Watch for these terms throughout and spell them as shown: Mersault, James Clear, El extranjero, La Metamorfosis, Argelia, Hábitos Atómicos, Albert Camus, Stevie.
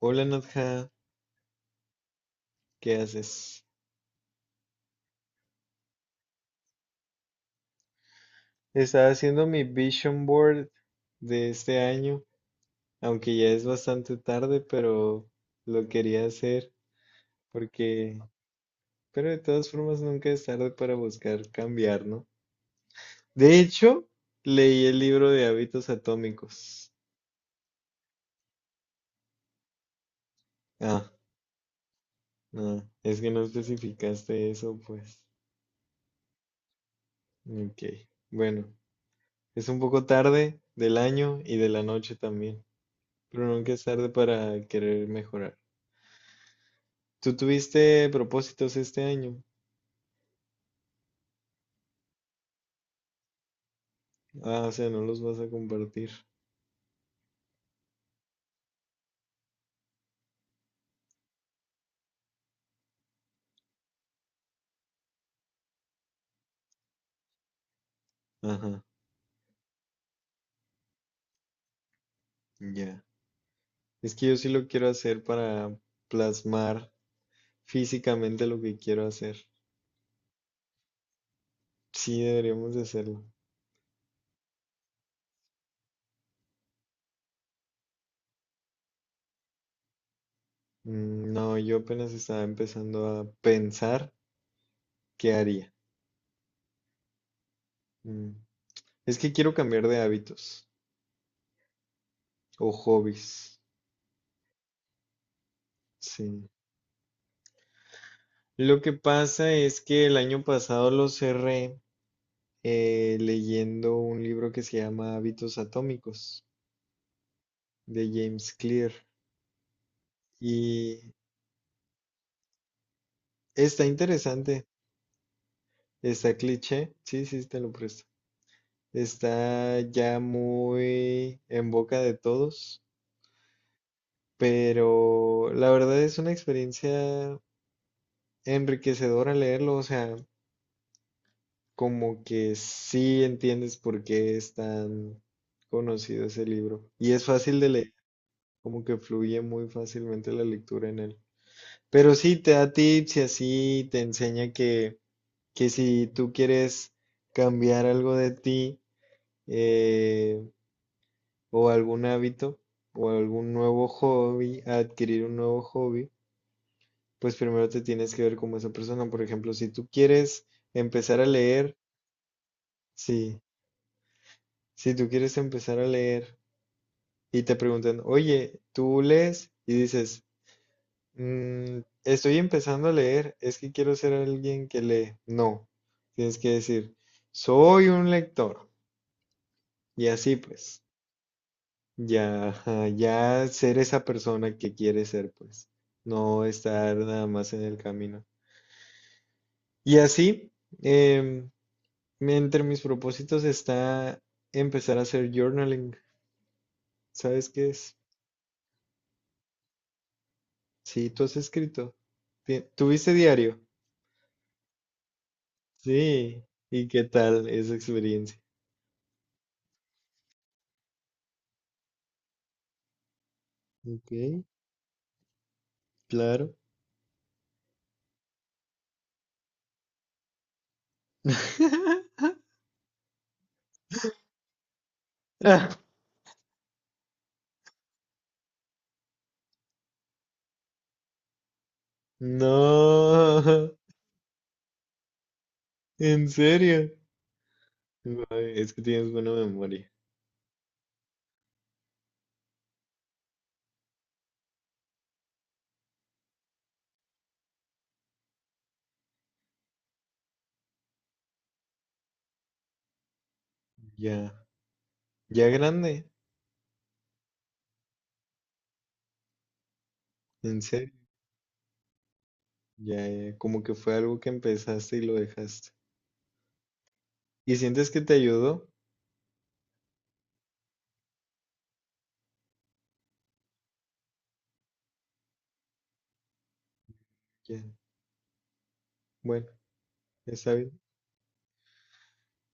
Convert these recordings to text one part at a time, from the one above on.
Hola Nadja, ¿qué haces? Estaba haciendo mi vision board de este año, aunque ya es bastante tarde, pero lo quería hacer porque, pero de todas formas nunca es tarde para buscar cambiar, ¿no? De hecho, leí el libro de hábitos atómicos. Ah, no, es que no especificaste eso, pues. Ok, bueno, es un poco tarde del año y de la noche también, pero nunca es tarde para querer mejorar. Tú tuviste propósitos este año. Ah, o sea, no los vas a compartir. Ajá, ya. Es que yo sí lo quiero hacer para plasmar físicamente lo que quiero hacer. Sí, deberíamos de hacerlo. Mm, no, yo apenas estaba empezando a pensar qué haría. Mm. Es que quiero cambiar de hábitos o hobbies. Sí. Lo que pasa es que el año pasado lo cerré leyendo un libro que se llama Hábitos Atómicos de James Clear. Y está interesante, está cliché, sí, sí, te lo presto. Está ya muy en boca de todos, pero la verdad es una experiencia enriquecedora leerlo, o sea, como que sí entiendes por qué es tan conocido ese libro. Y es fácil de leer, como que fluye muy fácilmente la lectura en él. Pero sí, te da tips y así te enseña que si tú quieres cambiar algo de ti eh, o algún hábito o algún nuevo hobby, adquirir un nuevo hobby, pues primero te tienes que ver como esa persona. Por ejemplo, si tú quieres empezar a leer, sí, si tú quieres empezar a leer y te preguntan, oye, ¿tú lees? Y dices, "Mm, estoy empezando a leer, es que quiero ser alguien que lee." No, tienes que decir, soy un lector. Y así pues. Ya, ajá, ya ser esa persona que quiere ser, pues, no estar nada más en el camino. Y así, em, entre mis propósitos está empezar a hacer journaling. ¿Sabes qué es? Sí, tú has escrito. ¿Tuviste diario? Sí. ¿Y qué tal esa experiencia? Ok, claro. No, en serio. Ay, es que tienes buena memoria. Ya, ya grande. En serio, ya, ya, como que fue algo que empezaste y lo dejaste. ¿Y sientes que te ayudó? Ya, bueno, está bien.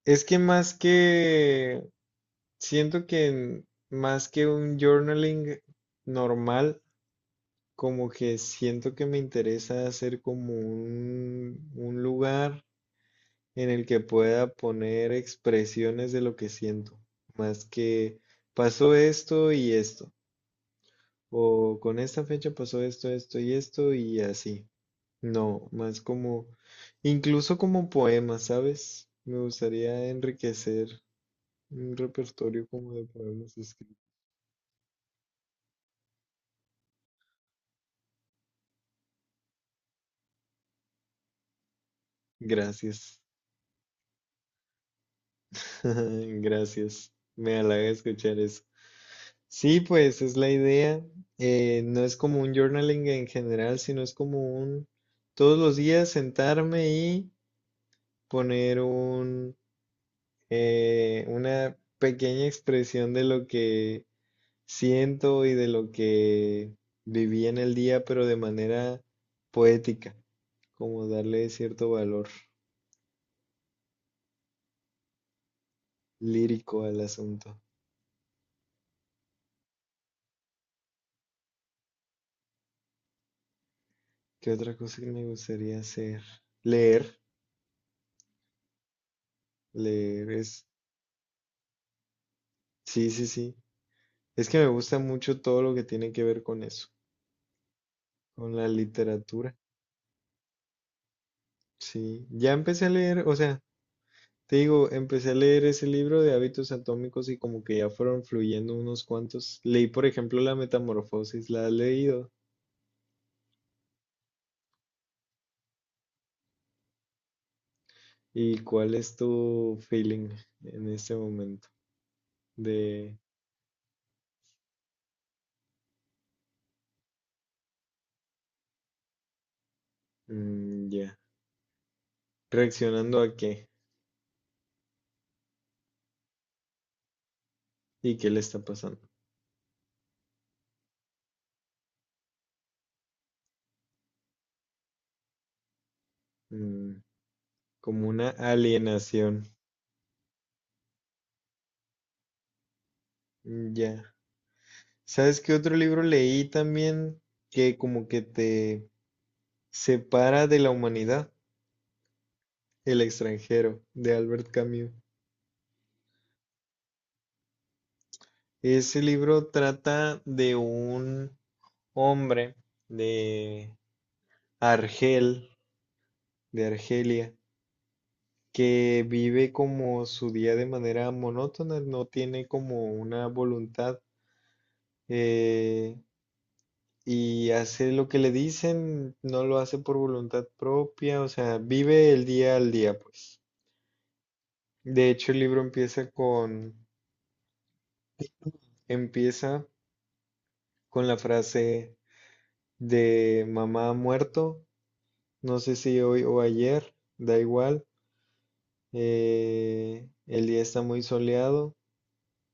Es que más que, siento que más que un journaling normal, como que siento que me interesa hacer como un lugar en el que pueda poner expresiones de lo que siento, más que pasó esto y esto, o con esta fecha pasó esto, esto y esto y así. No, más como, incluso como poemas, ¿sabes? Me gustaría enriquecer un repertorio como de poemas escritos. Gracias, gracias. Me halaga escuchar eso. Sí, pues es la idea. No es como un journaling en general, sino es como un todos los días sentarme y poner un una pequeña expresión de lo que siento y de lo que viví en el día, pero de manera poética, como darle cierto valor lírico al asunto. ¿Qué otra cosa que me gustaría hacer? Leer, leer es, sí, sí, sí. Es que me gusta mucho todo lo que tiene que ver con eso, con la literatura. Sí, ya empecé a leer, o sea, te digo, empecé a leer ese libro de hábitos atómicos y como que ya fueron fluyendo unos cuantos. Leí, por ejemplo, La Metamorfosis, ¿la has leído? ¿Y cuál es tu feeling en este momento? De, mm, ya. ¿Reaccionando a qué? ¿Y qué le está pasando? Mm, como una alienación. Mm, ya. ¿Sabes qué otro libro leí también que como que te separa de la humanidad? El extranjero, de Albert Camus. Ese libro trata de un hombre de Argel, de Argelia, que vive como su día de manera monótona, no tiene como una voluntad eh, y hace lo que le dicen, no lo hace por voluntad propia, o sea, vive el día al día, pues. De hecho, el libro empieza con la frase de mamá ha muerto, no sé si hoy o ayer, da igual, el día está muy soleado,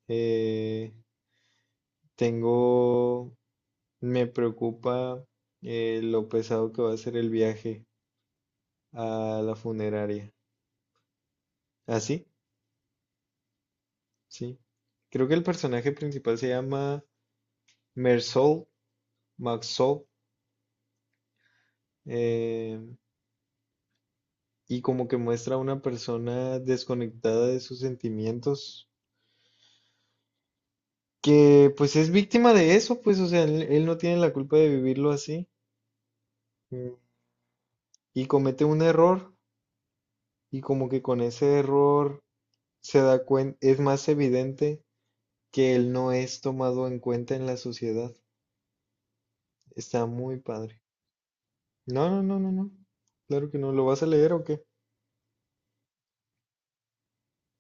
eh, tengo me preocupa lo pesado que va a ser el viaje a la funeraria. ¿Ah, sí? Sí. Creo que el personaje principal se llama Mersault, Maxault, eh, y como que muestra a una persona desconectada de sus sentimientos, que pues es víctima de eso, pues, o sea, él no tiene la culpa de vivirlo así, mm, y comete un error, y como que con ese error se da cuenta, es más evidente que él no es tomado en cuenta en la sociedad. Está muy padre. No, no, no, no, no. Claro que no. ¿Lo vas a leer o qué?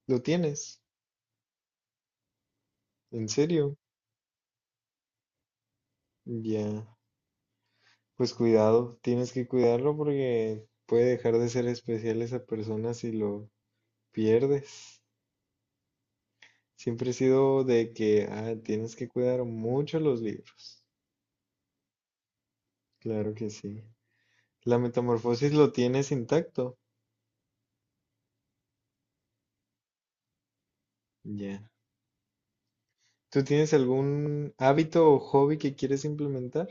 ¿Lo tienes? ¿En serio? Ya. Pues cuidado, tienes que cuidarlo porque puede dejar de ser especial esa persona si lo pierdes. Siempre he sido de que ah, tienes que cuidar mucho los libros. Claro que sí. La metamorfosis lo tienes intacto. Ya. ¿Tú tienes algún hábito o hobby que quieres implementar?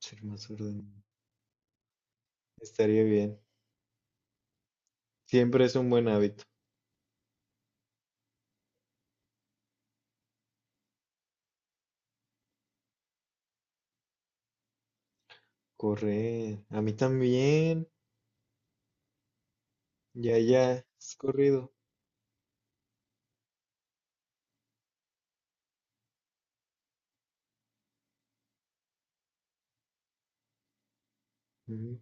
Ser más ordenado. Estaría bien. Siempre es un buen hábito. Correr. A mí también. Ya, ya. Has corrido. Ujú,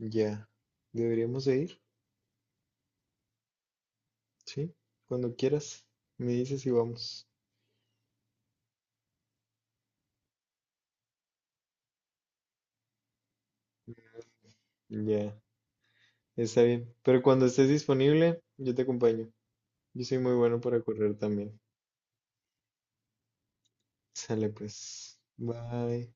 ya. Deberíamos de ir. Sí. Cuando quieras. Me dices y vamos. Ya. Está bien. Pero cuando estés disponible, yo te acompaño. Yo soy muy bueno para correr también. Sale pues. Bye.